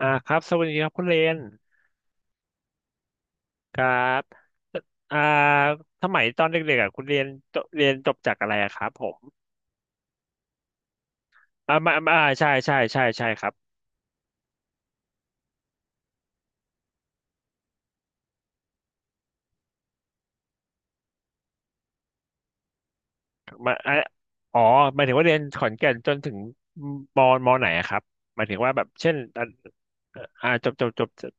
ครับสวัสดีครับคุณเรนครับอ่าสมัยตอนเด็กๆอ่ะคุณเรียนจบจากอะไรอะครับผมมาใช่ใช่ใช่ใช่ครับมาอ๋อหมายถึงว่าเรียนขอนแก่นจนถึงมมไหนอะครับหมายถึงว่าแบบเช่นจบ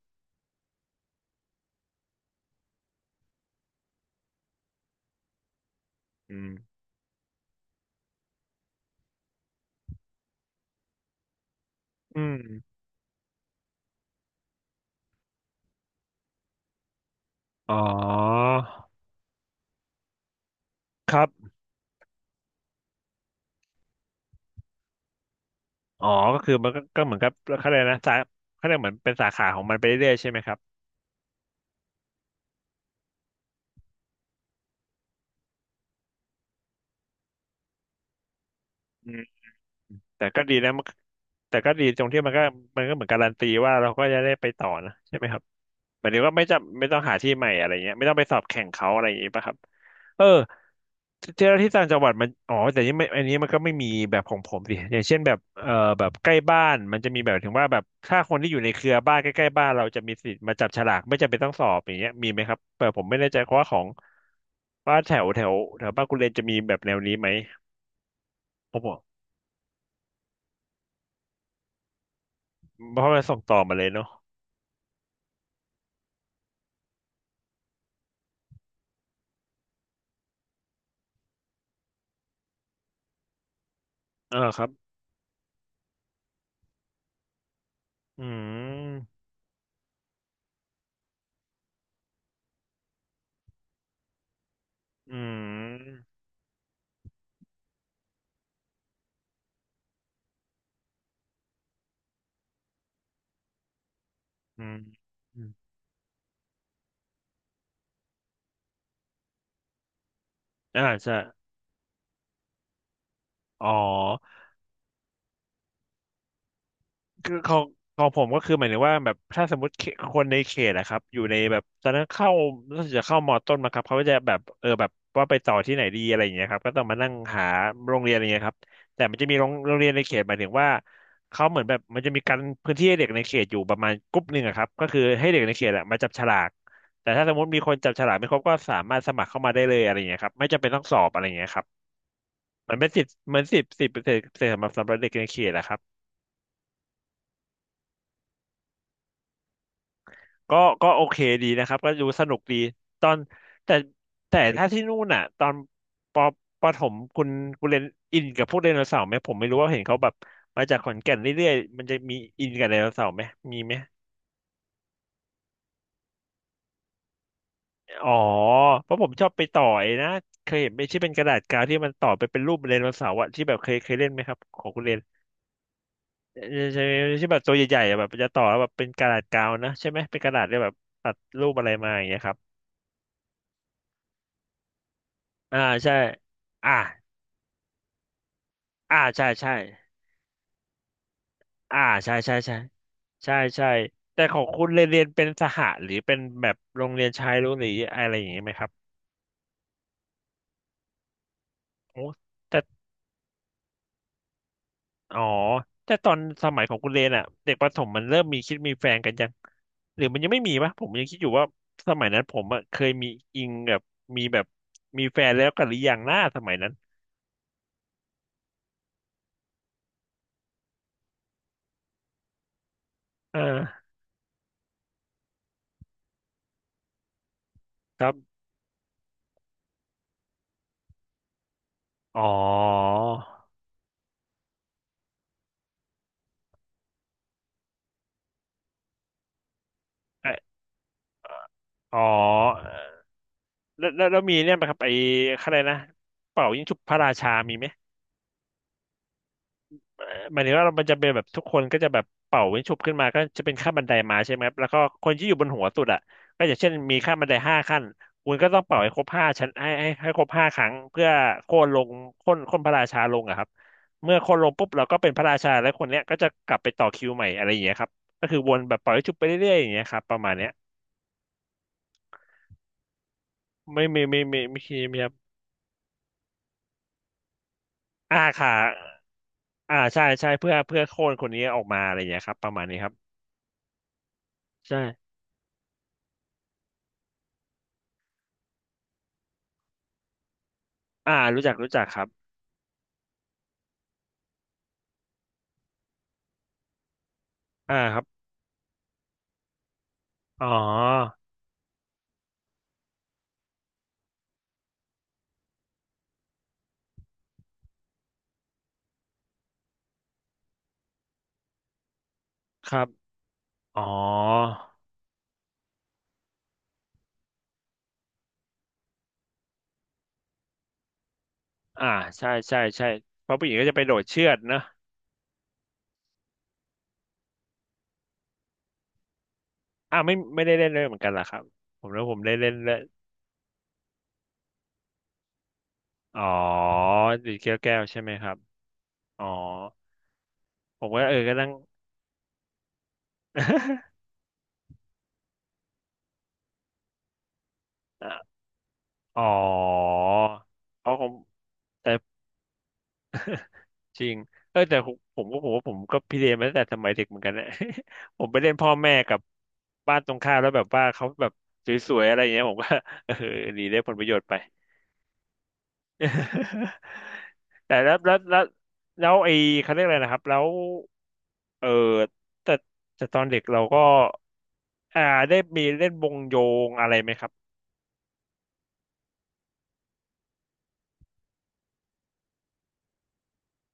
อืมอืมอ๋อครับอ๋อก็คือมันก็เหมือนกับเขาเรียกนะสาเขาเรียกเหมือนเป็นสาขาของมันไปเรื่อยๆใช่ไหมครับอื แต่ก็ดีนะมันแต่ก็ดีตรงที่มันก็เหมือนการันตีว่าเราก็จะได้ไปต่อนะใช่ไหมครับหมายถึงว่าไม่จำไม่ต้องหาที่ใหม่อะไรเงี้ยไม่ต้องไปสอบแข่งเขาอะไรอย่างงี้ป่ะครับเออเจ้าหน้าที่ต่างจังหวัดมันอ๋อแต่นี่ไม่อันนี้มันก็ไม่มีแบบของผมสิอย่างเช่นแบบแบบใกล้บ้านมันจะมีแบบถึงว่าแบบถ้าคนที่อยู่ในเครือบ้านใกล้ๆบ้านเราจะมีสิทธิ์มาจับฉลากไม่จำเป็นต้องสอบอย่างเงี้ยมีไหมครับแต่ผมไม่แน่ใจเพราะว่าของว่าแถวแถวแถวบ้านคุณเรนจะมีแบบแนวนี้ไหมผมบอกเพราะมันส่งต่อมาเลยเนาะ เออครับ อืม อืม อืมใช่อ๋อ คือของของผมก็คือหมายถึงว่าแบบถ้าสมมติเขตคนในเขตอะครับอยู่ในแบบตอนนั้นเข้ารู้สึกจะเข้ามอต้นมาครับเขาก็จะแบบเออแบบว่าไปต่อที่ไหนดีอะไรอย่างเงี้ยครับก็ต้องมานั่งหาโรงเรียนอะไรเงี้ยครับแต่มันจะมีโรงเรียนในเขตหมายถึงว่าเขาเหมือนแบบมันจะมีการพื้นที่ให้เด็กในเขตอยู่ประมาณกลุ่มหนึ่งอะครับก็คือให้เด็กในเขตอะมาจับฉลากแต่ถ้าสมมติมีคนจับฉลากไม่ครบก็สามารถสมัครเข้ามาได้เลยอะไรอย่างเงี้ยครับไม่จำเป็นต้องสอบอะไรอย่างเงี้ยครับมันเป็นสิทธิ์เหมือนสิบเปอร์เซ็นต์สำหรับเด็กในเขตอะครับ ก็ก็โอเคดีนะครับก็ดูสนุกดีตอนแต่แต่ถ้าที่นู่นอ่ะตอนปประถมคุณเรียนอินกับพวกไดโนเสาร์ไหมผมไม่รู้ว่าเห็นเขาแบบมาจากขอนแก่นเรื่อยๆมันจะมีอินกับไดโนเสาร์ไหมมีไหมอ๋อเพราะผมชอบไปต่อไอ้นะเคยเห็นไหมที่เป็นกระดาษกาวที่มันต่อไปเป็นรูปไดโนเสาร์อะที่แบบเคยเล่นไหมครับของคุณเรียนใช่ที่แบบตัวใหญ่ๆอะแบบจะต่อแล้วแบบเป็นกระดาษกาวนะใช่ไหมเป็นกระดาษที่แบบตัดรูปอะไรมาอย่างเงี้ยครับอ่าใช่อ่าใช่ใช่ อ่าใช่ใช่ใช่ใช่ใช่แต่ของคุณเรียนเป็นสหะหรือเป็นแบบโรงเรียนชายล้วนหรืออะไรอย่างนี้ไหมครับโอ้แต่อ๋อแต่ตอนสมัยของคุณเรียนอ่ะเด็กประถมมันเริ่มมีคิดมีแฟนกันยังหรือมันยังไม่มีปะผมยังคิดอยู่ว่าสมัยนั้นผมอะเคยมีอิงแบบมีแบบมีแฟนแล้วกันหรือยังหน้าสมัยนั้นเออครับอ๋อเอออ๋อแล้วมีเนี่ยไหมครับไอ้อะไรนะเป่ายิงฉุบพระราชามีไหม หมายถึงว่ามันจะเป็นแบบทุกคนก็จะแบบเป่าวิ้งฉุบขึ้นมาก็จะเป็นขั้นบันไดมาใช่ไหมครับแล้วก็คนที่อยู่บนหัวสุดอ่ะก็อย่างเช่นมีขั้นบันไดห้าขั้นคุณก็ต้องเป่าให้ครบห้าชั้นให้ครบห้าครั้งเพื่อโค่นลงโค่นพระราชาลงอะครับเมื่อโค่นลงปุ๊บเราก็เป็นพระราชาแล้วคนเนี้ยก็จะกลับไปต่อคิวใหม่อะไรอย่างเงี้ยครับก็คือวนแบบเป่าวิ้งฉุบไปเรื่อยๆอย่างเงี้ยครับประมาณเนี้ยไม่ครับอ่าค่ะใช่ใช่เพื่อโค่นคนนี้ออกมาอะไรอย่างเงี้ยครับประมาณนี้ครับใช่รู้จักครับครับ อ๋อครับอ๋ออ่าใช่ใช่ใช่เพราะผู้หญิงก็จะไปโดดเชือกนะไม่ได้เล่นเลยเหมือนกันล่ะครับผมแล้วผมได้เล่นเล่นอ๋อดีดแก้วใช่ไหมครับอ๋อผมก็เออก็นั่ง ออ๋อเพราะผมแต่จริงเออแต่ผมว่าผมก็พิเรนมาตั้งแต่สมัยเด็กเหมือนกันนะ ผมไปเล่นพ่อแม่กับบ้านตรงข้ามแล้วแบบว่าเขาแบบสวยๆอะไรอย่างเงี้ยผมก็ เออหนีได้ผลประโยชน์ไป แต่แล้วไอ้เขาเรียกอะไรนะครับแล้วเออแต่ตอนเด็กเราก็อ่าได้มีเล่นวงโยงอะไรไหมครับ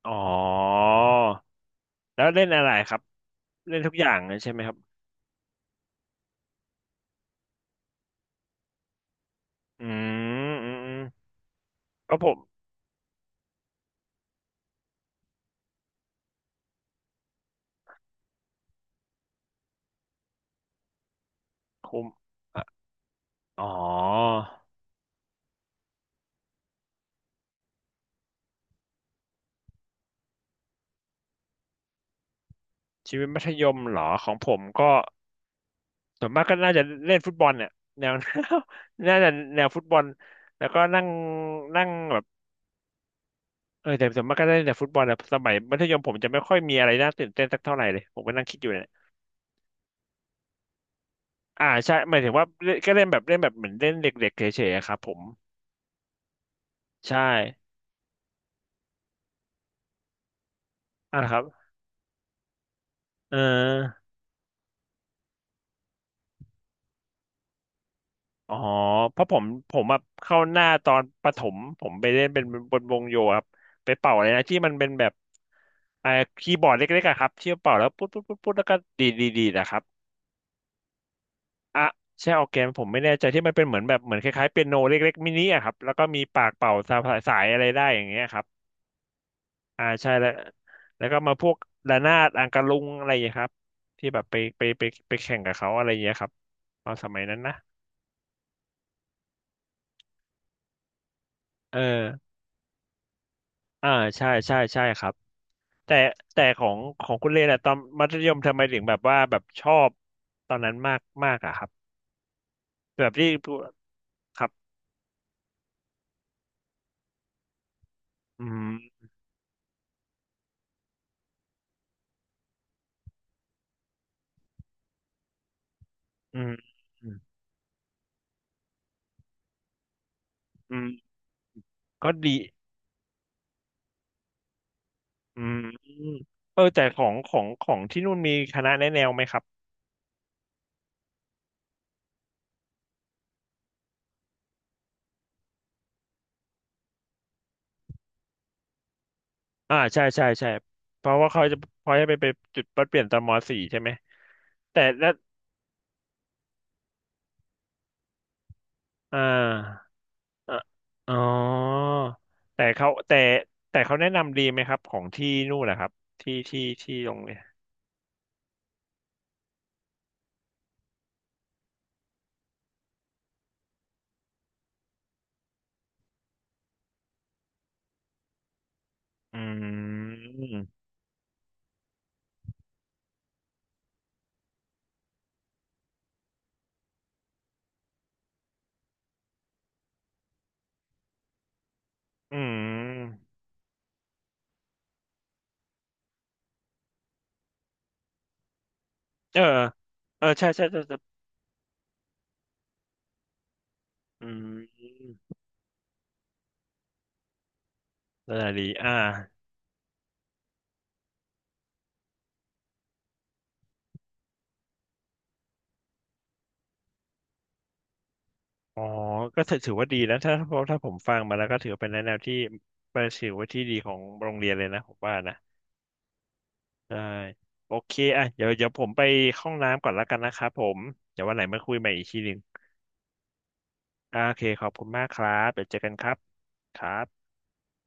อ๋อแล้วเล่นอะไรครับเล่นทุกอย่างเลยใช่ไหมครับอืมอืมอืมก็ผมผมอะอ๋อชีวิตมัธยมเหรอของผมก็ส่วนมากก็น่าจะเล่นฟุตบอลเนี่ยแนว น่าจะแนวฟุตบอลแล้วก็นั่งนั่งแบบ เออแต่ส่วนมากก็ได้แต่ฟุตบอลนะสมัยมัธยมผมจะไม่ค่อยมีอะไรน่าตื่นเต้นสักเท่าไหร่เลยผมก็นั่งคิดอยู่เนี่ยอ่าใช่หมายถึงว่าเล่นก็เล่นแบบเหมือนเล่นเด็กๆเฉยๆอะครับผมใช่อ่าครับเอออ๋อเพราะผมผมอะเข้าหน้าตอนประถมผมไปเล่นเป็นบนวงโยครับไปเป่าอะไรนะที่มันเป็นแบบไอคีย์บอร์ดเล็กๆอะครับที่เป่าแล้วปุ๊ดปุ๊ดปุ๊ดปุ๊ดแล้วก็ดีดดีดดีดอะครับ อะใช่ออร์แกนผมไม่แน่ใจที่มันเป็นเหมือนแบบเหมือนคล้ายๆเปียโนเล็กๆมินิอะครับแล้วก็มีปากเป่าสายอะไรได้อย่างเงี้ยครับอ่าใช่แล้วแล้วก็มาพวกระนาดอังกะลุงอะไรอย่างเงี้ยครับที่แบบไปแข่งกับเขาอะไรอย่างเงี้ยครับตอนสมัยนั้นนะเอออ่าใช่ใช่ใช่ครับแต่ของคุณเล่นอะตอนมัธยมทำไมถึงแบบว่าแบบชอบตอนนั้นมากมากอะครับแบบที่พูดครับอืมอืมอืมอืมก็ดี อืมเออแต่ของที่นู่นมีคณะแนะแนวไหมครับอ่าใช่ใช่ใช่เพราะว่าเขาจะไปไปจุดปัดเปลี่ยนตอนมสี่ใช่ไหมแต่แล้วอ่าอ่ะอ๋อแต่เขาแต่เขาแนะนำดีไหมครับของที่นู่นนะครับที่ตรงเนี่อืมอืมเออเออใช่ใช่ใช่ใช่อืมนาดีอ่า อ๋อก็ถือว่าดีนะถ้าเพราะถ้าผมฟังมาแล้วก็ถือว่าเป็นแนวที่เป็นถือว่าที่ดีของโรงเรียนเลยนะผมว่านะใช่โอเคอ่ะเดี๋ยวผมไปห้องน้ำก่อนแล้วกันนะครับผมเดี๋ยววันไหนมาคุยใหม่อีกทีหนึ่งอ่าโอเคขอบคุณมากครับเดี๋ยวเจอกันครับครับ